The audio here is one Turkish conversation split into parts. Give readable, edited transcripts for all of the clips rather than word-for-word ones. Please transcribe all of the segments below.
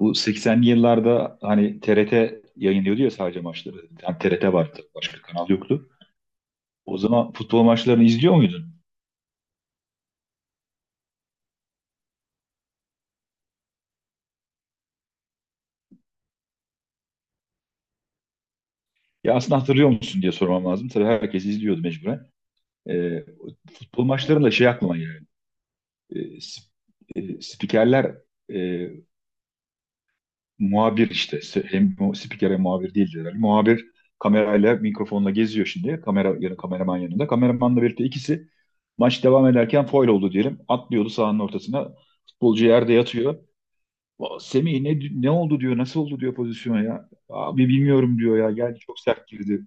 Bu 80'li yıllarda hani TRT yayınlıyordu ya sadece maçları. Yani TRT vardı. Başka kanal yoktu. O zaman futbol maçlarını izliyor muydun? Ya aslında hatırlıyor musun diye sormam lazım. Tabii herkes izliyordu mecburen. Ee, futbol maçlarında şey aklıma geldi. Ee, sp- e, spikerler, e, muhabir işte, hem spiker hem muhabir değildi herhalde. Muhabir kamerayla mikrofonla geziyor şimdi. Kamera yanı kameraman yanında. Kameramanla birlikte ikisi, maç devam ederken faul oldu diyelim, atlıyordu sahanın ortasına. Futbolcu yerde yatıyor. "Aa, Semih ne oldu diyor. Nasıl oldu diyor pozisyona ya. Abi bilmiyorum diyor ya. Geldi, çok sert girdi.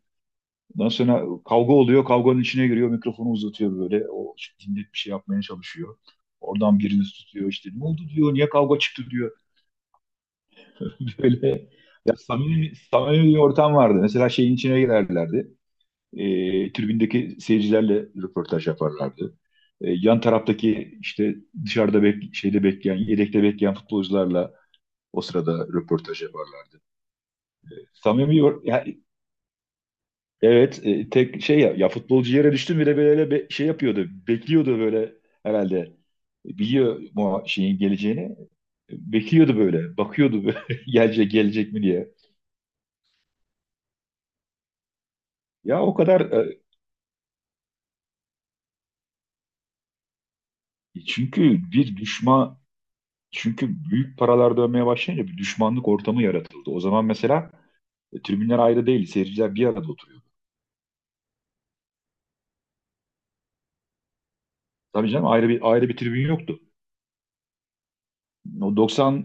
Ondan sonra kavga oluyor. Kavganın içine giriyor. Mikrofonu uzatıyor böyle. O işte dinlet bir şey yapmaya çalışıyor. Oradan birini tutuyor işte. Ne oldu diyor. Niye kavga çıktı diyor. Öyle ya, samimi, samimi bir ortam vardı. Mesela şeyin içine girerlerdi. Tribündeki seyircilerle röportaj yaparlardı. Yan taraftaki işte dışarıda şeyde bekleyen, yedekte bekleyen futbolcularla o sırada röportaj yaparlardı. Samimi bir ya, evet, tek şey ya, ya futbolcu yere düştü bile böyle şey yapıyordu. Bekliyordu böyle herhalde. Biliyor mu şeyin geleceğini. Bekliyordu böyle. Bakıyordu böyle, gelecek gelecek mi diye. Ya o kadar. Çünkü bir düşman, çünkü büyük paralar dönmeye başlayınca bir düşmanlık ortamı yaratıldı. O zaman mesela, tribünler ayrı değil, seyirciler bir arada oturuyor. Tabii canım, ayrı bir tribün yoktu. O 90.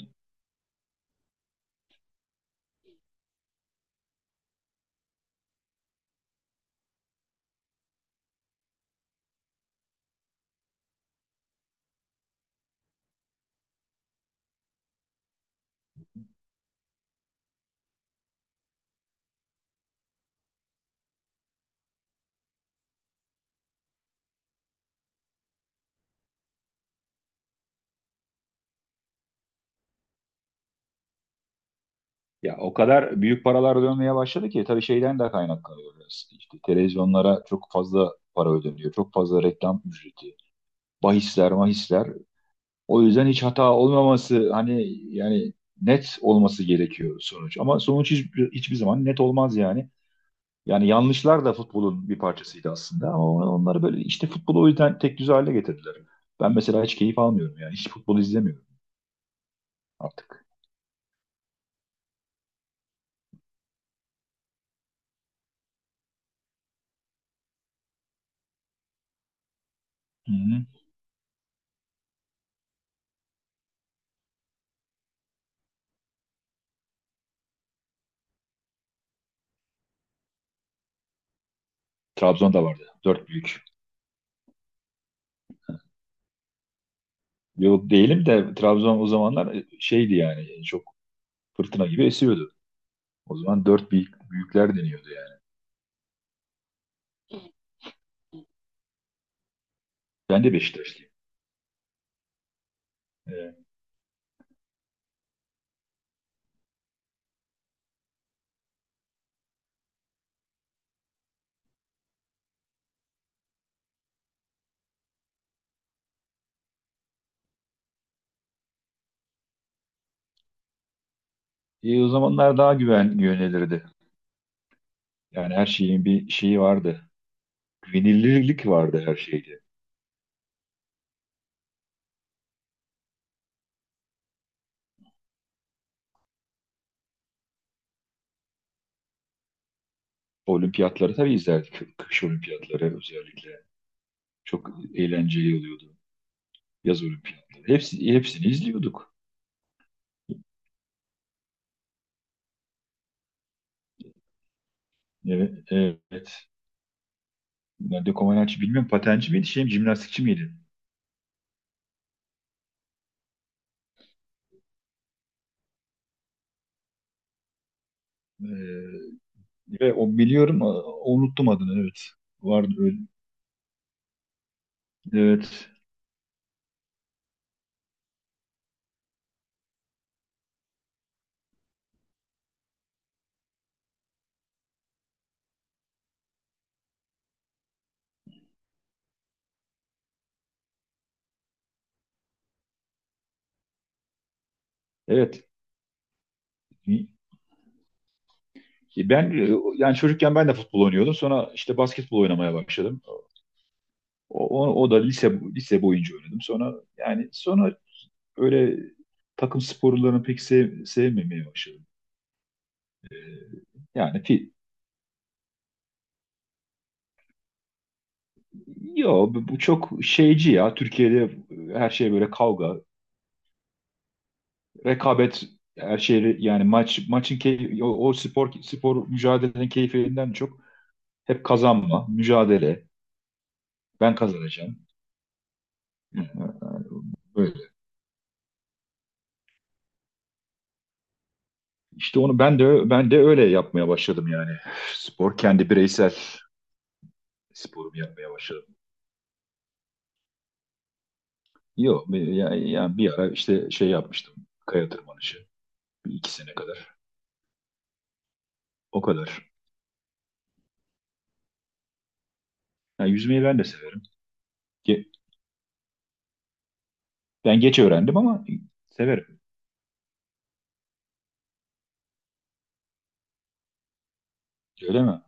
Ya o kadar büyük paralar dönmeye başladı ki tabii şeyden de kaynaklanıyor biraz. İşte televizyonlara çok fazla para ödeniyor, çok fazla reklam ücreti, bahisler, mahisler. O yüzden hiç hata olmaması hani yani net olması gerekiyor sonuç. Ama sonuç hiç, hiçbir zaman net olmaz yani. Yani yanlışlar da futbolun bir parçasıydı aslında ama onları böyle işte futbolu o yüzden tek düze hale getirdiler. Ben mesela hiç keyif almıyorum, yani hiç futbol izlemiyorum artık. Hı hı. Trabzon'da vardı dört büyük. Yok, değilim de Trabzon o zamanlar, şeydi yani, çok fırtına gibi esiyordu. O zaman dört büyükler deniyordu yani. Ben de Beşiktaşlıyım. Evet. O zamanlar daha güven yönelirdi. Yani her şeyin bir şeyi vardı. Güvenilirlik vardı her şeyde. Olimpiyatları tabii izlerdik. Kış olimpiyatları özellikle. Çok eğlenceli oluyordu yaz olimpiyatları. Hepsini izliyorduk. Evet. Evet. Nerede Komaneci bilmiyorum. Patenci miydi? Şey mi? Jimnastikçi miydi? Ee, ve o biliyorum. Unuttum adını. Evet. Vardı öyle. Evet. Evet. Ben yani çocukken ben de futbol oynuyordum. Sonra işte basketbol oynamaya başladım. O da lise boyunca oynadım. Sonra yani sonra öyle takım sporlarını pek sevmemeye başladım. Yani, yo, bu çok şeyci ya. Türkiye'de her şey böyle kavga, rekabet, her şey yani maçın keyfi, o spor mücadelenin keyfinden çok hep kazanma, mücadele. Ben kazanacağım. Yani. Böyle. İşte onu ben de öyle yapmaya başladım yani. Spor, kendi bireysel sporumu yapmaya başladım. Yok, yani, bir ara işte şey yapmıştım. Kaya tırmanışı. Bir iki sene kadar. O kadar. Yani yüzmeyi ben de severim. Ge- Ben geç öğrendim ama severim. Öyle mi?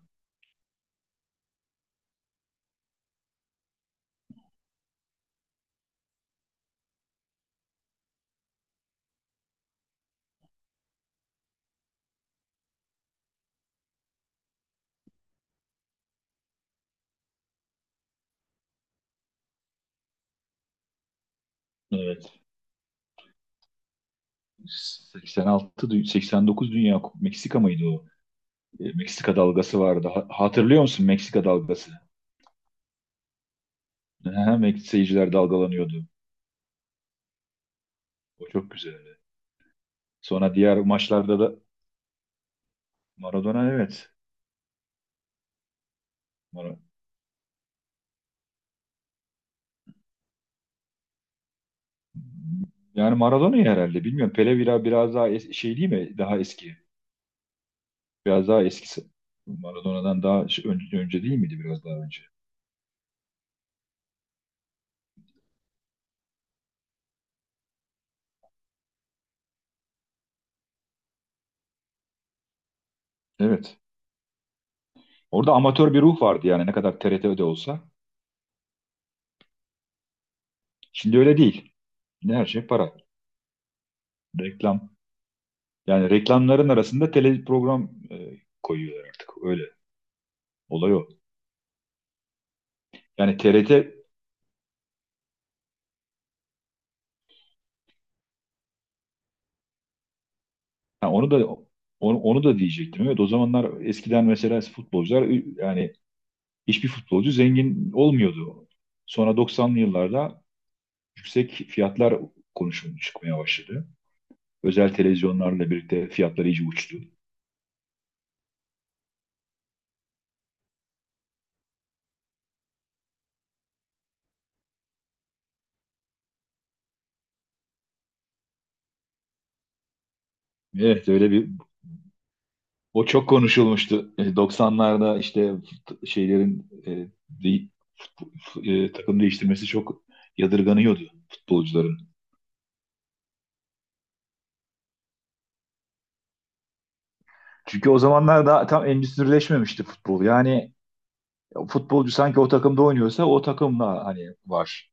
Evet. 86, 89 Dünya Meksika mıydı o? Meksika dalgası vardı. Hatırlıyor musun Meksika dalgası? Aha, seyirciler dalgalanıyordu. O çok güzeldi. Sonra diğer maçlarda da Maradona, evet. Mara- yani Maradona'yı herhalde bilmiyorum. Pele biraz daha şey değil mi? Daha eski. Biraz daha eskisi. Maradona'dan daha önce değil miydi, biraz daha önce? Evet. Orada amatör bir ruh vardı yani, ne kadar TRT'de olsa. Şimdi öyle değil. Şimdi her şey para. Reklam. Yani reklamların arasında tele program koyuyorlar artık. Öyle. Olay o. Yani TRT, ha, onu da onu da diyecektim. Evet, o zamanlar eskiden mesela futbolcular, yani hiçbir futbolcu zengin olmuyordu. Sonra 90'lı yıllarda yüksek fiyatlar konuşulmaya çıkmaya başladı. Özel televizyonlarla birlikte fiyatlar iyice uçtu. Evet öyle bir. O çok konuşulmuştu. 90'larda işte şeylerin de- takım değiştirmesi çok yadırganıyordu futbolcuların. Çünkü o zamanlar daha tam endüstrileşmemişti futbol. Yani futbolcu sanki o takımda oynuyorsa o takımla hani var.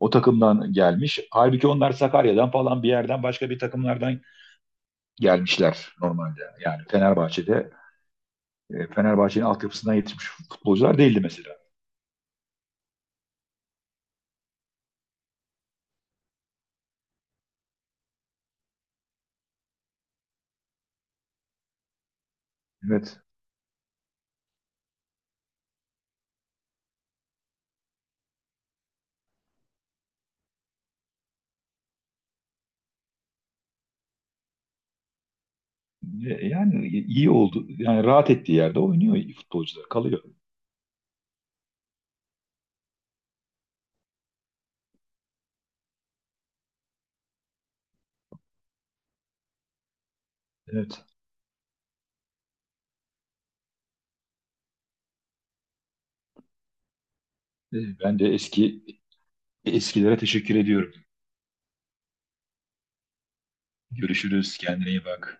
O takımdan gelmiş. Halbuki onlar Sakarya'dan falan bir yerden başka bir takımlardan gelmişler normalde. Yani Fenerbahçe'de, Fenerbahçe'nin altyapısından yetişmiş futbolcular değildi mesela. Evet. Yani iyi oldu. Yani rahat ettiği yerde oynuyor futbolcular, kalıyor. Evet. E, Ben de eskilere teşekkür ediyorum. Görüşürüz. Kendine iyi bak.